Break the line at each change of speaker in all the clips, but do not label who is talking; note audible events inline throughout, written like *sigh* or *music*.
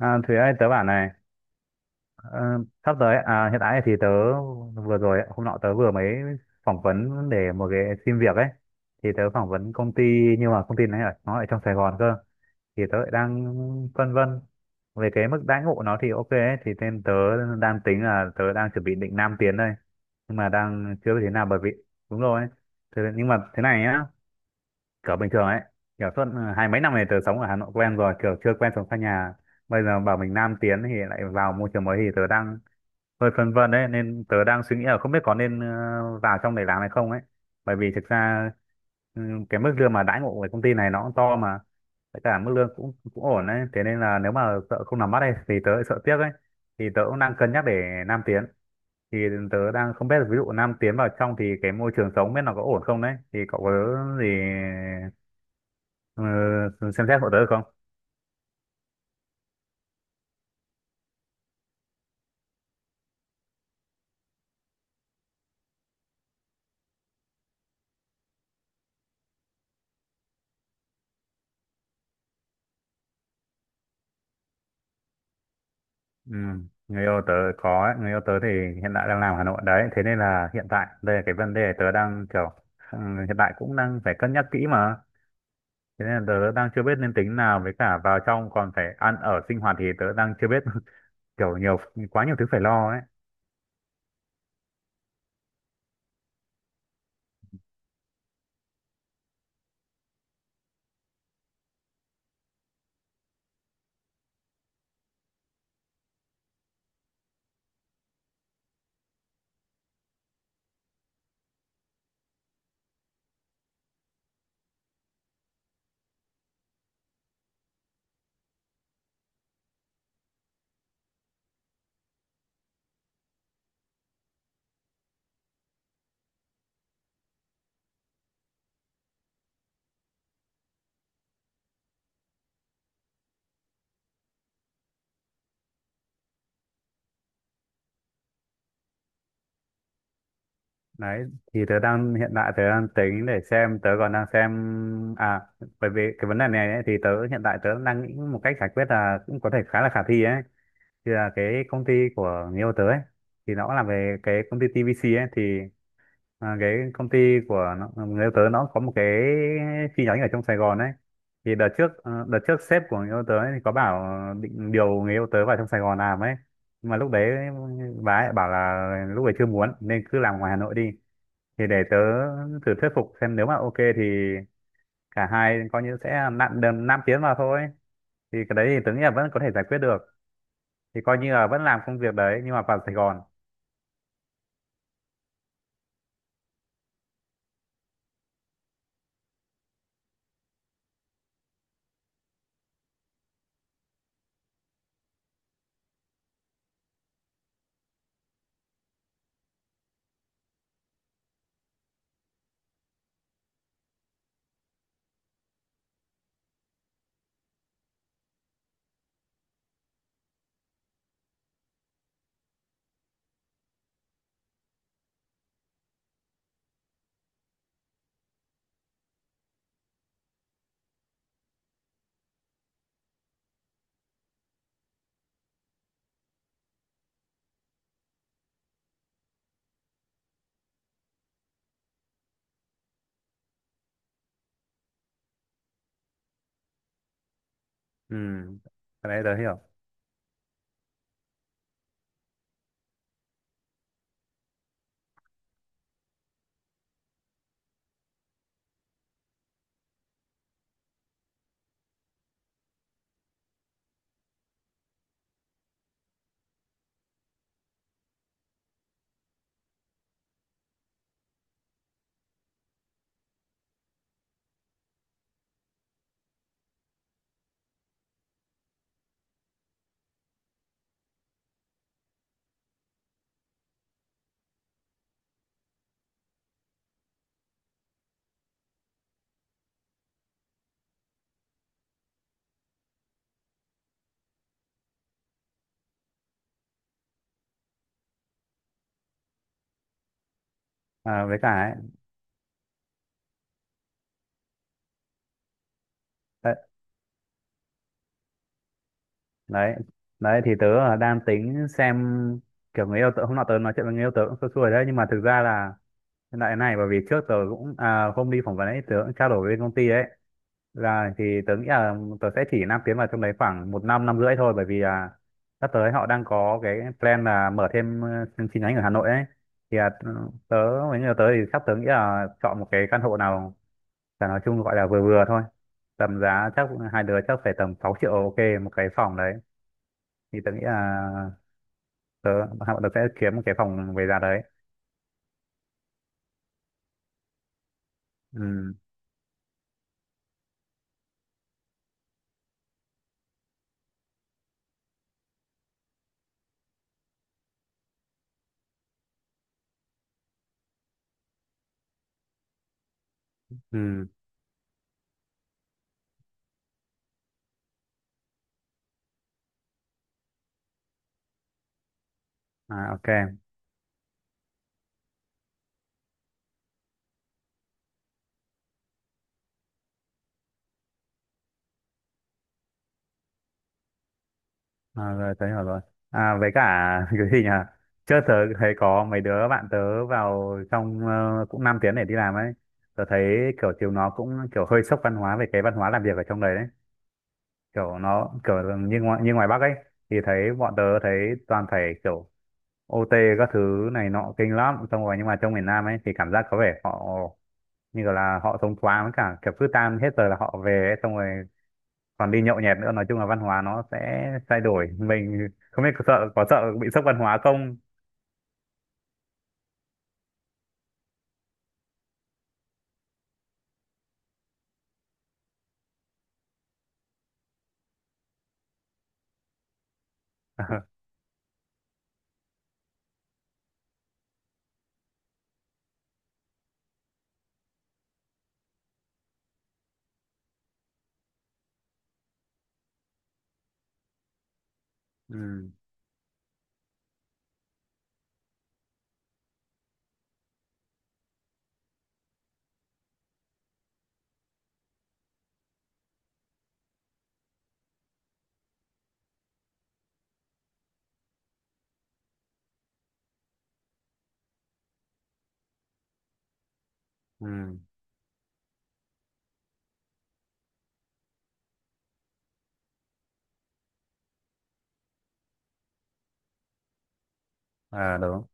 À, Thúy ơi, tớ bảo này, ờ, sắp tới, à, hiện tại thì hôm nọ tớ vừa mới phỏng vấn để một cái xin việc ấy. Thì tớ phỏng vấn công ty, nhưng mà công ty nó ở trong Sài Gòn cơ. Thì tớ lại đang phân vân về cái mức đãi ngộ nó thì ok ấy. Thì nên tớ đang tính là tớ đang chuẩn bị định Nam tiến đây. Nhưng mà đang chưa biết thế nào bởi vì, đúng rồi. Thế, nhưng mà thế này nhá, kiểu bình thường ấy kiểu suốt hai mấy năm này tớ sống ở Hà Nội quen rồi, kiểu chưa quen sống xa nhà, bây giờ bảo mình nam tiến thì lại vào môi trường mới thì tớ đang hơi phân vân đấy, nên tớ đang suy nghĩ là không biết có nên vào trong này làm hay không ấy, bởi vì thực ra ừ, cái mức lương mà đãi ngộ của công ty này nó cũng to mà, với cả mức lương cũng cũng ổn đấy, thế nên là nếu mà sợ không làm mắt đây thì tớ lại sợ tiếc ấy, thì tớ cũng đang cân nhắc để nam tiến, thì tớ đang không biết là ví dụ nam tiến vào trong thì cái môi trường sống biết nó có ổn không đấy, thì cậu có gì Ờ, xem xét hộ tớ được không? Ừ, người yêu tớ có ấy. Người yêu tớ thì hiện tại đang làm Hà Nội đấy. Thế nên là hiện tại đây là cái vấn đề tớ đang kiểu ừ, hiện tại cũng đang phải cân nhắc kỹ mà. Thế nên là tớ đang chưa biết nên tính nào, với cả vào trong còn phải ăn ở sinh hoạt thì tớ đang chưa biết *laughs* kiểu nhiều, quá nhiều thứ phải lo ấy. Đấy, thì tớ đang hiện tại tớ đang tính để xem, tớ còn đang xem à, bởi vì cái vấn đề này ấy, thì tớ hiện tại tớ đang nghĩ một cách giải quyết là cũng có thể khá là khả thi ấy, thì là cái công ty của người yêu tớ ấy, thì nó cũng làm về cái công ty TVC ấy, thì cái công ty của nó, người yêu tớ nó có một cái chi nhánh ở trong Sài Gòn ấy. Thì đợt trước đợt trước sếp của người yêu tớ ấy, thì có bảo định điều người yêu tớ vào trong Sài Gòn làm ấy, nhưng mà lúc đấy bà ấy bảo là lúc ấy chưa muốn nên cứ làm ngoài Hà Nội đi, thì để tớ thử thuyết phục xem, nếu mà ok thì cả hai coi như sẽ nặn đầm 5 tiếng vào thôi, thì cái đấy thì tớ nghĩ là vẫn có thể giải quyết được, thì coi như là vẫn làm công việc đấy nhưng mà vào Sài Gòn. ừ cái đấy tớ hiểu. Với cả ấy, đấy, đấy đấy thì tớ đang tính xem, kiểu người yêu tớ hôm nọ tớ nói chuyện với người yêu tớ cũng xui xui đấy, nhưng mà thực ra là hiện này bởi vì trước tớ cũng hôm đi phỏng vấn ấy tớ cũng trao đổi với công ty ấy là thì tớ nghĩ là tớ sẽ chỉ nam tiến vào trong đấy khoảng một năm năm rưỡi thôi, bởi vì là sắp tới họ đang có cái plan là mở thêm chương nhánh ở Hà Nội ấy, thì tớ với người yêu tớ thì sắp tớ nghĩ là chọn một cái căn hộ nào. Và nói chung gọi là vừa vừa thôi, tầm giá chắc hai đứa chắc phải tầm 6 triệu ok một cái phòng đấy, thì tớ nghĩ là tớ hai bọn tớ sẽ kiếm một cái phòng về giá đấy. Ừ, ừ, à, ok. À, rồi tớ hiểu rồi. À, với cả *laughs* cái gì nhỉ, trước tớ thấy có mấy đứa bạn tớ vào trong cũng 5 tiếng để đi làm ấy, tớ thấy kiểu chiều nó cũng kiểu hơi sốc văn hóa về cái văn hóa làm việc ở trong đấy đấy, kiểu nó kiểu như như ngoài Bắc ấy thì thấy bọn tớ thấy toàn phải kiểu OT các thứ này nọ kinh lắm, xong rồi nhưng mà trong miền Nam ấy thì cảm giác có vẻ họ như kiểu là họ thông thoáng, với cả kiểu cứ tan hết giờ là họ về ấy, xong rồi còn đi nhậu nhẹt nữa, nói chung là văn hóa nó sẽ thay đổi, mình không biết có sợ, có sợ bị sốc văn hóa không. Ừ, ừ, à, đúng.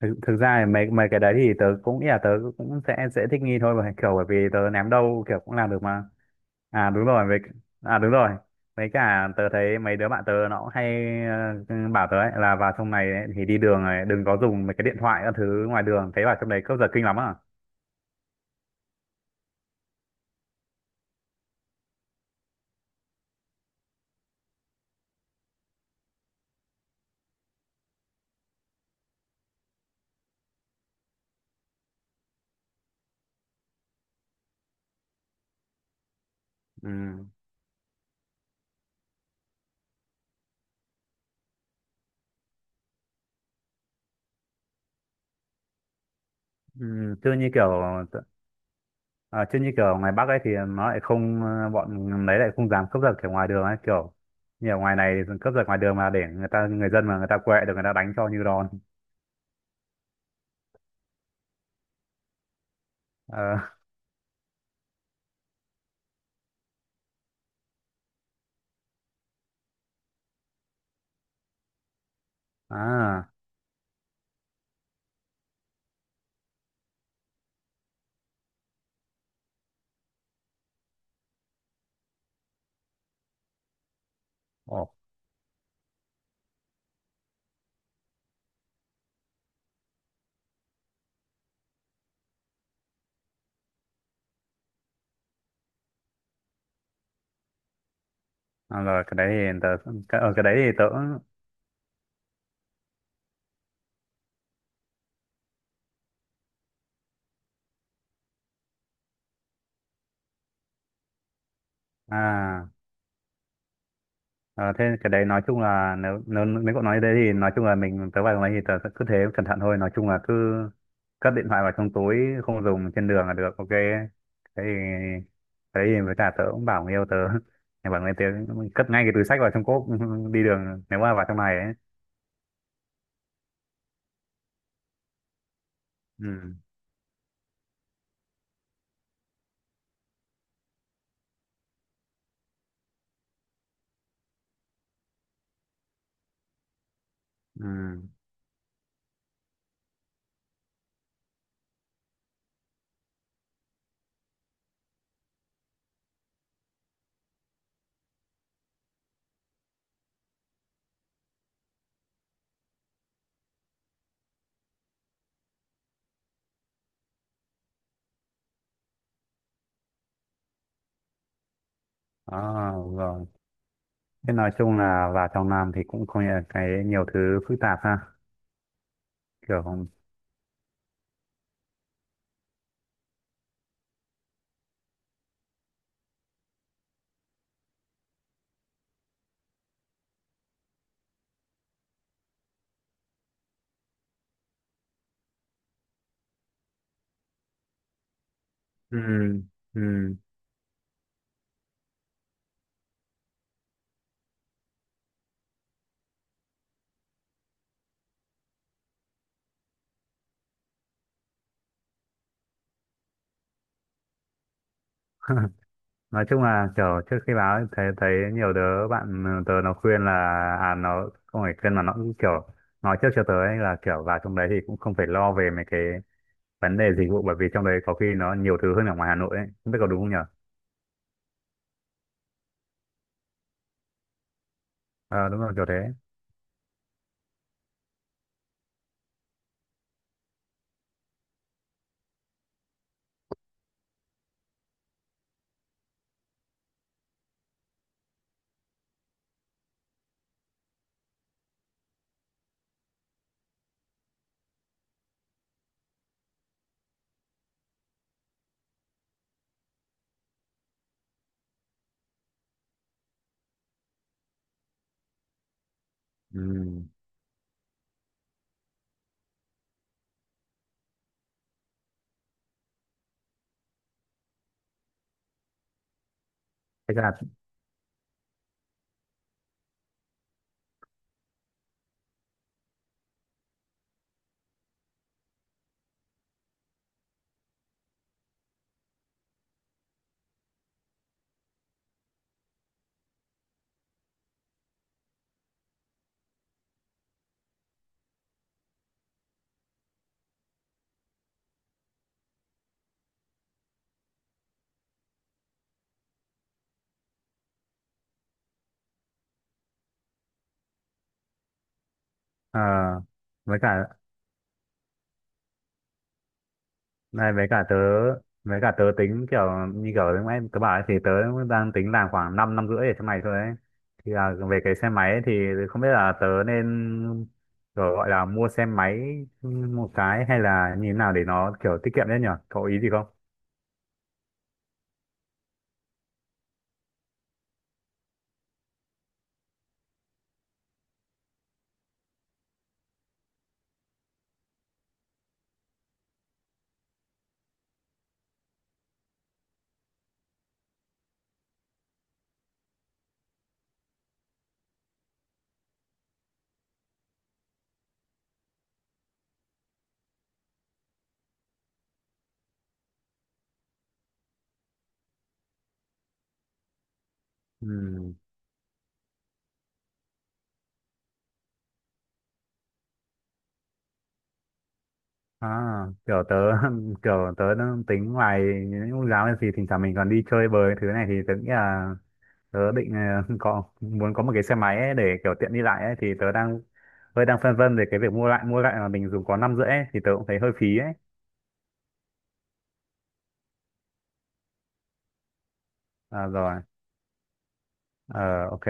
Thực ra thì mấy mấy cái đấy thì tớ cũng nghĩ là tớ cũng sẽ thích nghi thôi mà, kiểu bởi vì tớ ném đâu kiểu cũng làm được mà. à đúng rồi với À, đúng rồi, với cả tớ thấy mấy đứa bạn tớ nó cũng hay bảo tớ ấy, là vào trong này ấy thì đi đường này đừng có dùng mấy cái điện thoại các thứ ngoài đường, thấy vào trong đấy cướp giật kinh lắm à. Ừ, ừ, chứ như kiểu ngoài Bắc ấy thì nó lại không, bọn đấy lại không dám cướp giật kiểu ngoài đường ấy, kiểu như ở ngoài này cướp giật ngoài đường mà để người ta, người dân mà người ta quệ được người ta đánh cho như đòn. Ờ. À. Ồ. À, rồi cái đấy thì tớ, ở cái đấy thì tớ à ờ, thế cái đấy nói chung là nếu nếu nếu cậu nói thế thì nói chung là mình, tớ vào cái đấy thì tớ sẽ cứ thế cẩn thận thôi, nói chung là cứ cất điện thoại vào trong túi, không dùng trên đường là được ok. Thế thì thế thì với cả tớ cũng bảo người yêu tớ *laughs* thì bảo người tớ cất ngay cái túi xách vào trong cốp *laughs* đi đường nếu mà vào trong này ấy. Ừ, ừ, à, rồi. Thế nói chung là vào trong Nam thì cũng có nhiều cái, nhiều thứ phức tạp ha. Kiểu ừ, ừ. *laughs* Nói chung là kiểu trước khi báo ấy, thấy thấy nhiều đứa bạn tớ nó khuyên là, à nó không phải khuyên mà nó cũng kiểu nói trước cho tớ ấy, là kiểu vào trong đấy thì cũng không phải lo về mấy cái vấn đề dịch vụ, bởi vì trong đấy có khi nó nhiều thứ hơn ở ngoài Hà Nội ấy, không biết có đúng không nhở. Ờ, đúng rồi kiểu thế. Ừ. thế cả ờ, với cả Này với cả tớ Với cả tớ tính kiểu như kiểu lúc nãy tớ bảo ấy, thì tớ đang tính làm khoảng 5 năm năm rưỡi để cho mày thôi ấy. Thì là về cái xe máy ấy, thì không biết là tớ nên kiểu gọi là mua xe máy một cái, hay là như thế nào để nó kiểu tiết kiệm đấy nhở. Có ý gì không? Ừ. À, kiểu tớ *laughs* kiểu tớ đang tính ngoài những lúc giáo thì thỉnh thoảng mình còn đi chơi bời thứ này thì tớ nghĩ là tớ định *laughs* có muốn có một cái xe máy ấy để kiểu tiện đi lại ấy, thì tớ đang hơi đang phân vân về cái việc mua lại mà mình dùng có năm rưỡi ấy, thì tớ cũng thấy hơi phí ấy. À, rồi. Ờ ok,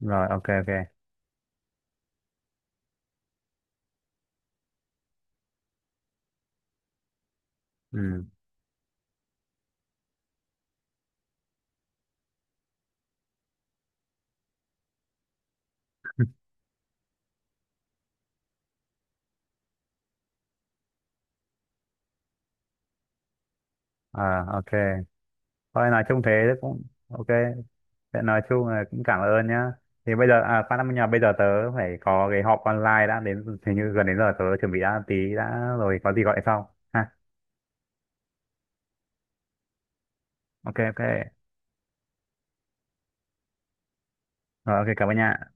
rồi ok, ok, ừ, à, ok, thôi nói chung thế cũng ok. Thế nói chung là cũng cảm ơn nhá, thì bây giờ à phát âm nhà bây giờ tớ phải có cái họp online đã, đến hình như gần đến giờ tớ chuẩn bị đã, tí đã, rồi có gì gọi sau ha. Ok, ok, rồi, ok, cảm ơn nha.